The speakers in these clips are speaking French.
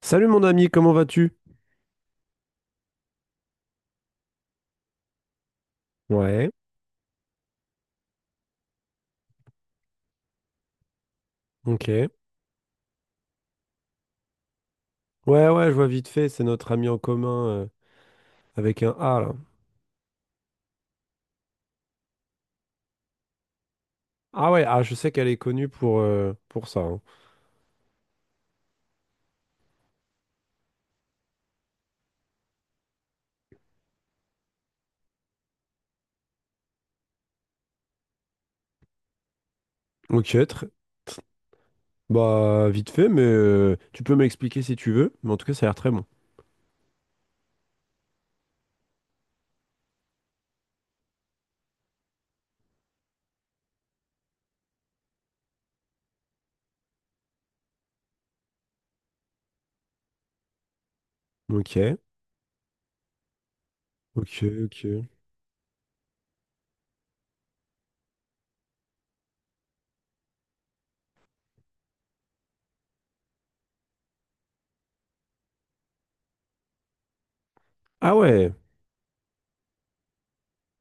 Salut mon ami, comment vas-tu? Ouais, ok. Ouais, ouais, je vois vite fait, c'est notre ami en commun, avec un A là. Ah ouais, ah, je sais qu'elle est connue pour ça, hein. Ok, tr- Bah vite fait, mais tu peux m'expliquer si tu veux, mais en tout cas ça a l'air très bon. Ok, ok, ok. Ah ouais,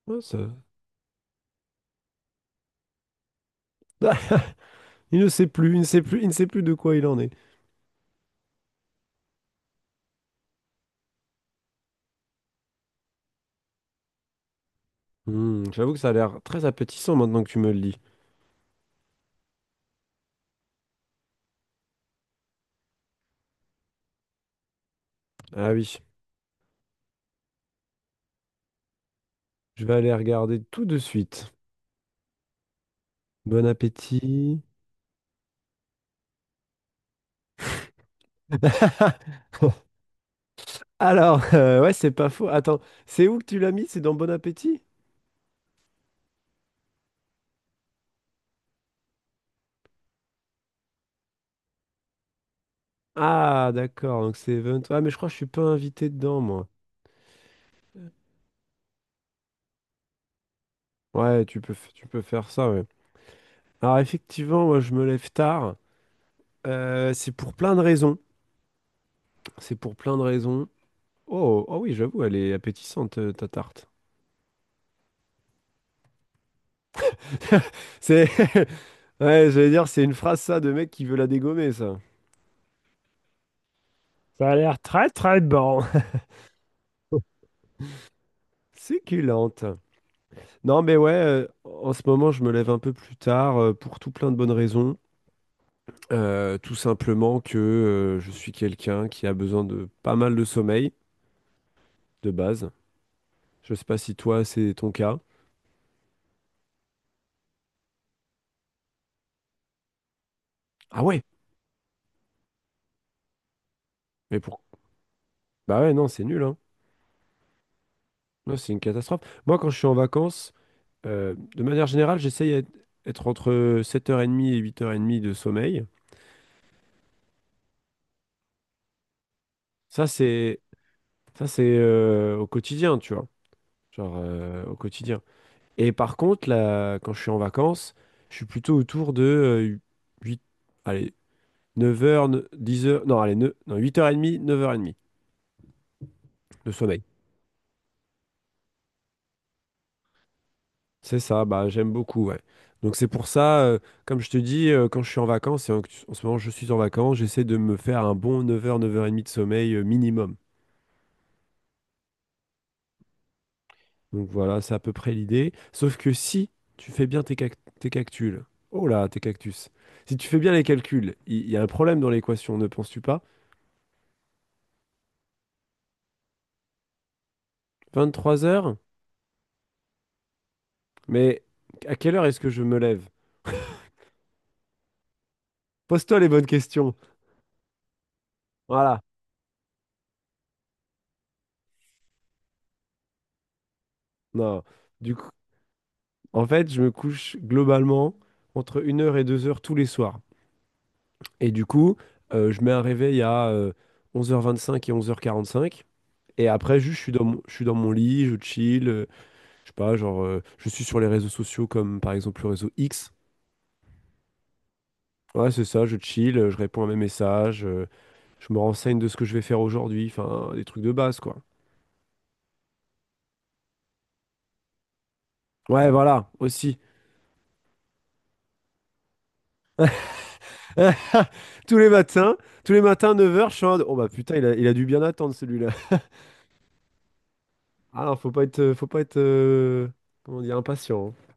ouais, ça... Ah, il ne sait plus, il ne sait plus, il ne sait plus de quoi il en est. Hmm, j'avoue que ça a l'air très appétissant maintenant que tu me le dis. Ah oui, je vais aller regarder tout de suite. Bon appétit. Alors, ouais, c'est pas faux. Attends, c'est où que tu l'as mis? C'est dans Bon Appétit? Ah, d'accord, donc c'est Event. Ouais, mais je crois que je suis pas invité dedans, moi. Ouais, tu peux, tu peux faire ça, ouais. Alors, effectivement, moi, je me lève tard. C'est pour plein de raisons. C'est pour plein de raisons. Oh, oh oui, j'avoue, elle est appétissante, ta tarte. C'est... Ouais, j'allais dire, c'est une phrase, ça, de mec qui veut la dégommer, ça. Ça a l'air très très bon. Succulente. Non, mais ouais, en ce moment, je me lève un peu plus tard pour tout plein de bonnes raisons. Tout simplement que je suis quelqu'un qui a besoin de pas mal de sommeil, de base. Je sais pas si toi, c'est ton cas. Ah ouais? Mais pour... Bah ouais, non, c'est nul, hein. Non, c'est une catastrophe. Moi, quand je suis en vacances, de manière générale, j'essaye d'être être entre 7h30 et 8h30 de sommeil. Ça, c'est ça, c'est au quotidien, tu vois. Genre, au quotidien. Et par contre, là, quand je suis en vacances, je suis plutôt autour de 8, allez, neuf heures, dix heures. Non, allez, 9, non, 8h30, 9h30 de sommeil. C'est ça, bah, j'aime beaucoup, ouais. Donc c'est pour ça, comme je te dis, quand je suis en vacances, en ce moment je suis en vacances, j'essaie de me faire un bon 9h, 9h30 de sommeil minimum. Donc voilà, c'est à peu près l'idée. Sauf que si tu fais bien tes, tes cactus, oh là, tes cactus, si tu fais bien les calculs, il y a un problème dans l'équation, ne penses-tu pas? 23 heures. Mais à quelle heure est-ce que je me lève? Pose-toi les bonnes questions. Voilà. Non. Du coup, en fait, je me couche globalement entre 1 heure et 2 heures tous les soirs. Et du coup, je mets un réveil à 11h25 et 11h45. Et après, juste, je suis dans mon lit, je chill. Je sais pas, genre, je suis sur les réseaux sociaux comme par exemple le réseau X. Ouais, c'est ça, je chill, je réponds à mes messages, je me renseigne de ce que je vais faire aujourd'hui. Enfin, des trucs de base, quoi. Ouais, voilà, aussi. Tous les matins, tous les matins, 9h, je suis en mode, oh bah putain, il a dû bien attendre celui-là. Ah non, faut pas être, comment dire, impatient, hein.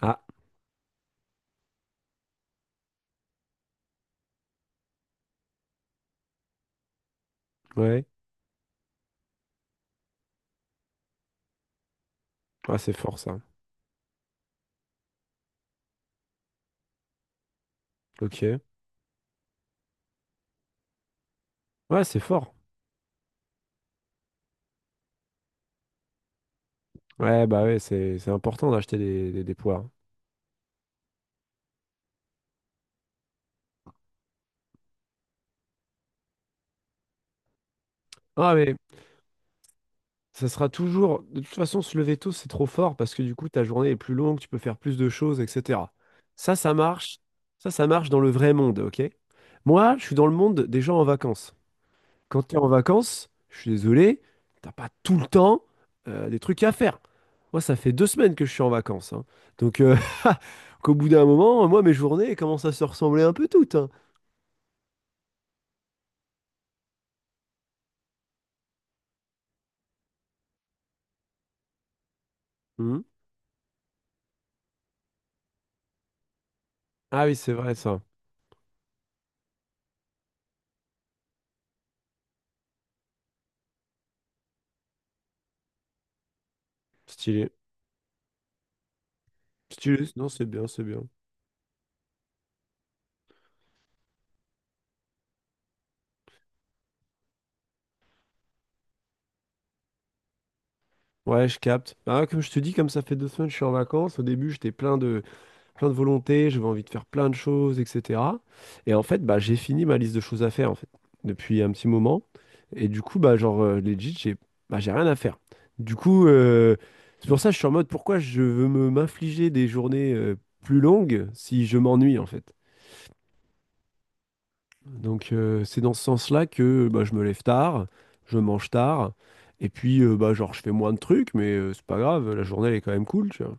Ah, ouais. Ah, c'est fort ça. Ok. Ouais, c'est fort. Ouais, bah ouais, c'est important d'acheter des poires. Ah, mais ça sera toujours, de toute façon, se lever tôt, c'est trop fort parce que du coup, ta journée est plus longue, tu peux faire plus de choses, etc. Ça marche. Ça marche dans le vrai monde, ok? Moi, je suis dans le monde des gens en vacances. Quand tu es en vacances, je suis désolé, t'as pas tout le temps des trucs à faire. Moi, ça fait 2 semaines que je suis en vacances, hein. Donc, qu'au bout d'un moment, moi, mes journées elles commencent à se ressembler un peu toutes, hein. Mhm. Ah oui, c'est vrai, ça. Stylé. Stylé, non, c'est bien, c'est bien. Ouais, je capte. Ah, comme je te dis, comme ça fait deux semaines que je suis en vacances. Au début, plein de volonté, j'avais envie de faire plein de choses, etc. Et en fait, bah, j'ai fini ma liste de choses à faire, en fait, depuis un petit moment. Et du coup, bah, genre, legit, j'ai bah, j'ai rien à faire. Du coup, c'est pour ça que je suis en mode, pourquoi je veux me m'infliger des journées plus longues si je m'ennuie, en fait? Donc c'est dans ce sens-là que bah, je me lève tard, je mange tard, et puis bah, genre je fais moins de trucs, mais c'est pas grave, la journée elle est quand même cool, tu vois.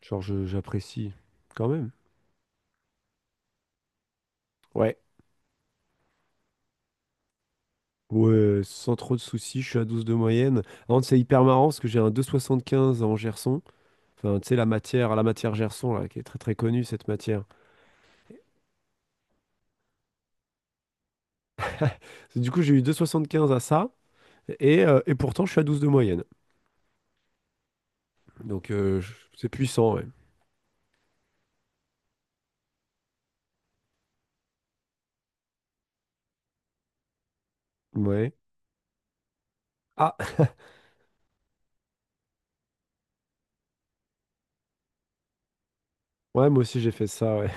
J'apprécie quand même. Ouais. Ouais, sans trop de soucis, je suis à 12 de moyenne. Par contre, c'est hyper marrant parce que j'ai un 2,75 en Gerson. Enfin, tu sais, la matière Gerson, là, qui est très très connue, cette matière. Du coup, j'ai eu 2,75 à ça, et pourtant, je suis à 12 de moyenne. Donc, c'est puissant, ouais. Ouais. Ah, ouais, moi aussi, j'ai fait ça, ouais.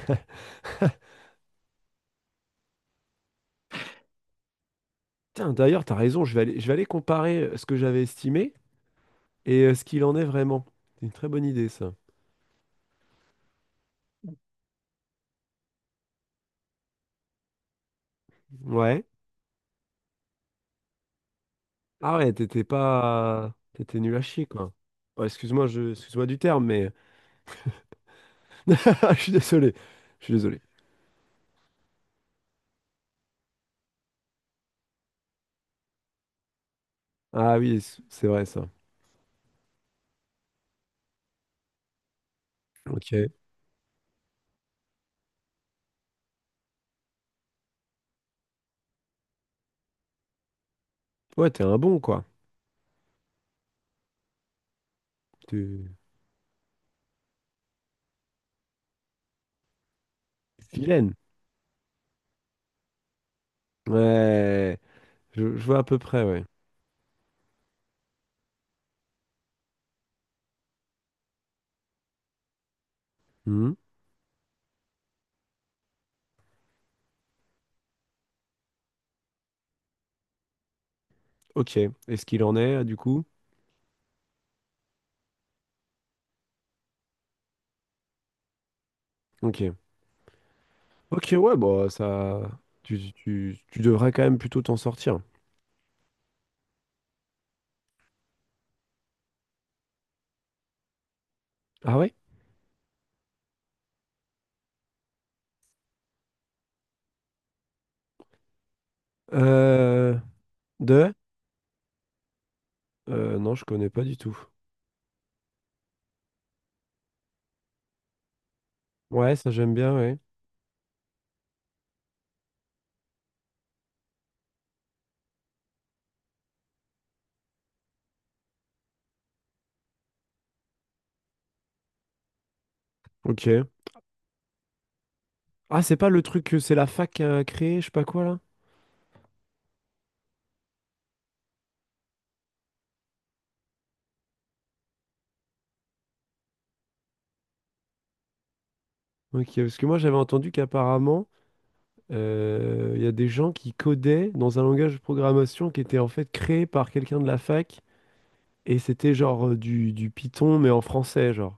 Tiens, d'ailleurs, t'as raison, je vais aller comparer ce que j'avais estimé et ce qu'il en est vraiment. C'est une très bonne idée, ça. Ouais. Ah ouais, t'étais pas... T'étais nul à chier, quoi. Oh, excuse-moi, je... excuse-moi du terme, mais... Je suis désolé. Je suis désolé. Ah oui, c- c'est vrai, ça. Ok. Ouais, t'es un bon, quoi. Tu... Vilaine. Ouais. Je vois à peu près, ouais. Mhm. Ok. Et ce qu'il en est, du coup? Ok. Ok, ouais, bon, ça... Tu devrais quand même plutôt t'en sortir. Ah ouais? Euh, de? Non, je connais pas du tout. Ouais, ça j'aime bien, ouais. Ok. Ah, c'est pas le truc que c'est la fac qui a créé, je sais pas quoi là? Ok, parce que moi j'avais entendu qu'apparemment, il y a des gens qui codaient dans un langage de programmation qui était en fait créé par quelqu'un de la fac, et c'était genre du Python, mais en français, genre.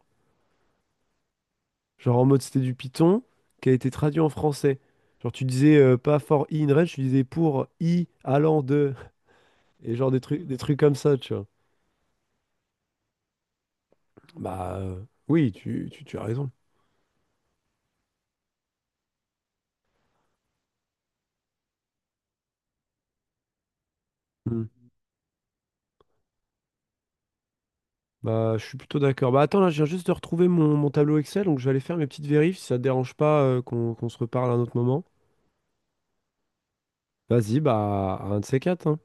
Genre en mode c'était du Python qui a été traduit en français. Genre tu disais pas for i in range, tu disais pour i allant de, et genre des trucs comme ça, tu vois. Bah oui, tu as raison. Hmm. Bah je suis plutôt d'accord. Bah attends, là, je viens juste de retrouver mon tableau Excel, donc je vais aller faire mes petites vérifs si ça te dérange pas qu'on se reparle à un autre moment. Vas-y, bah à un de ces quatre, hein.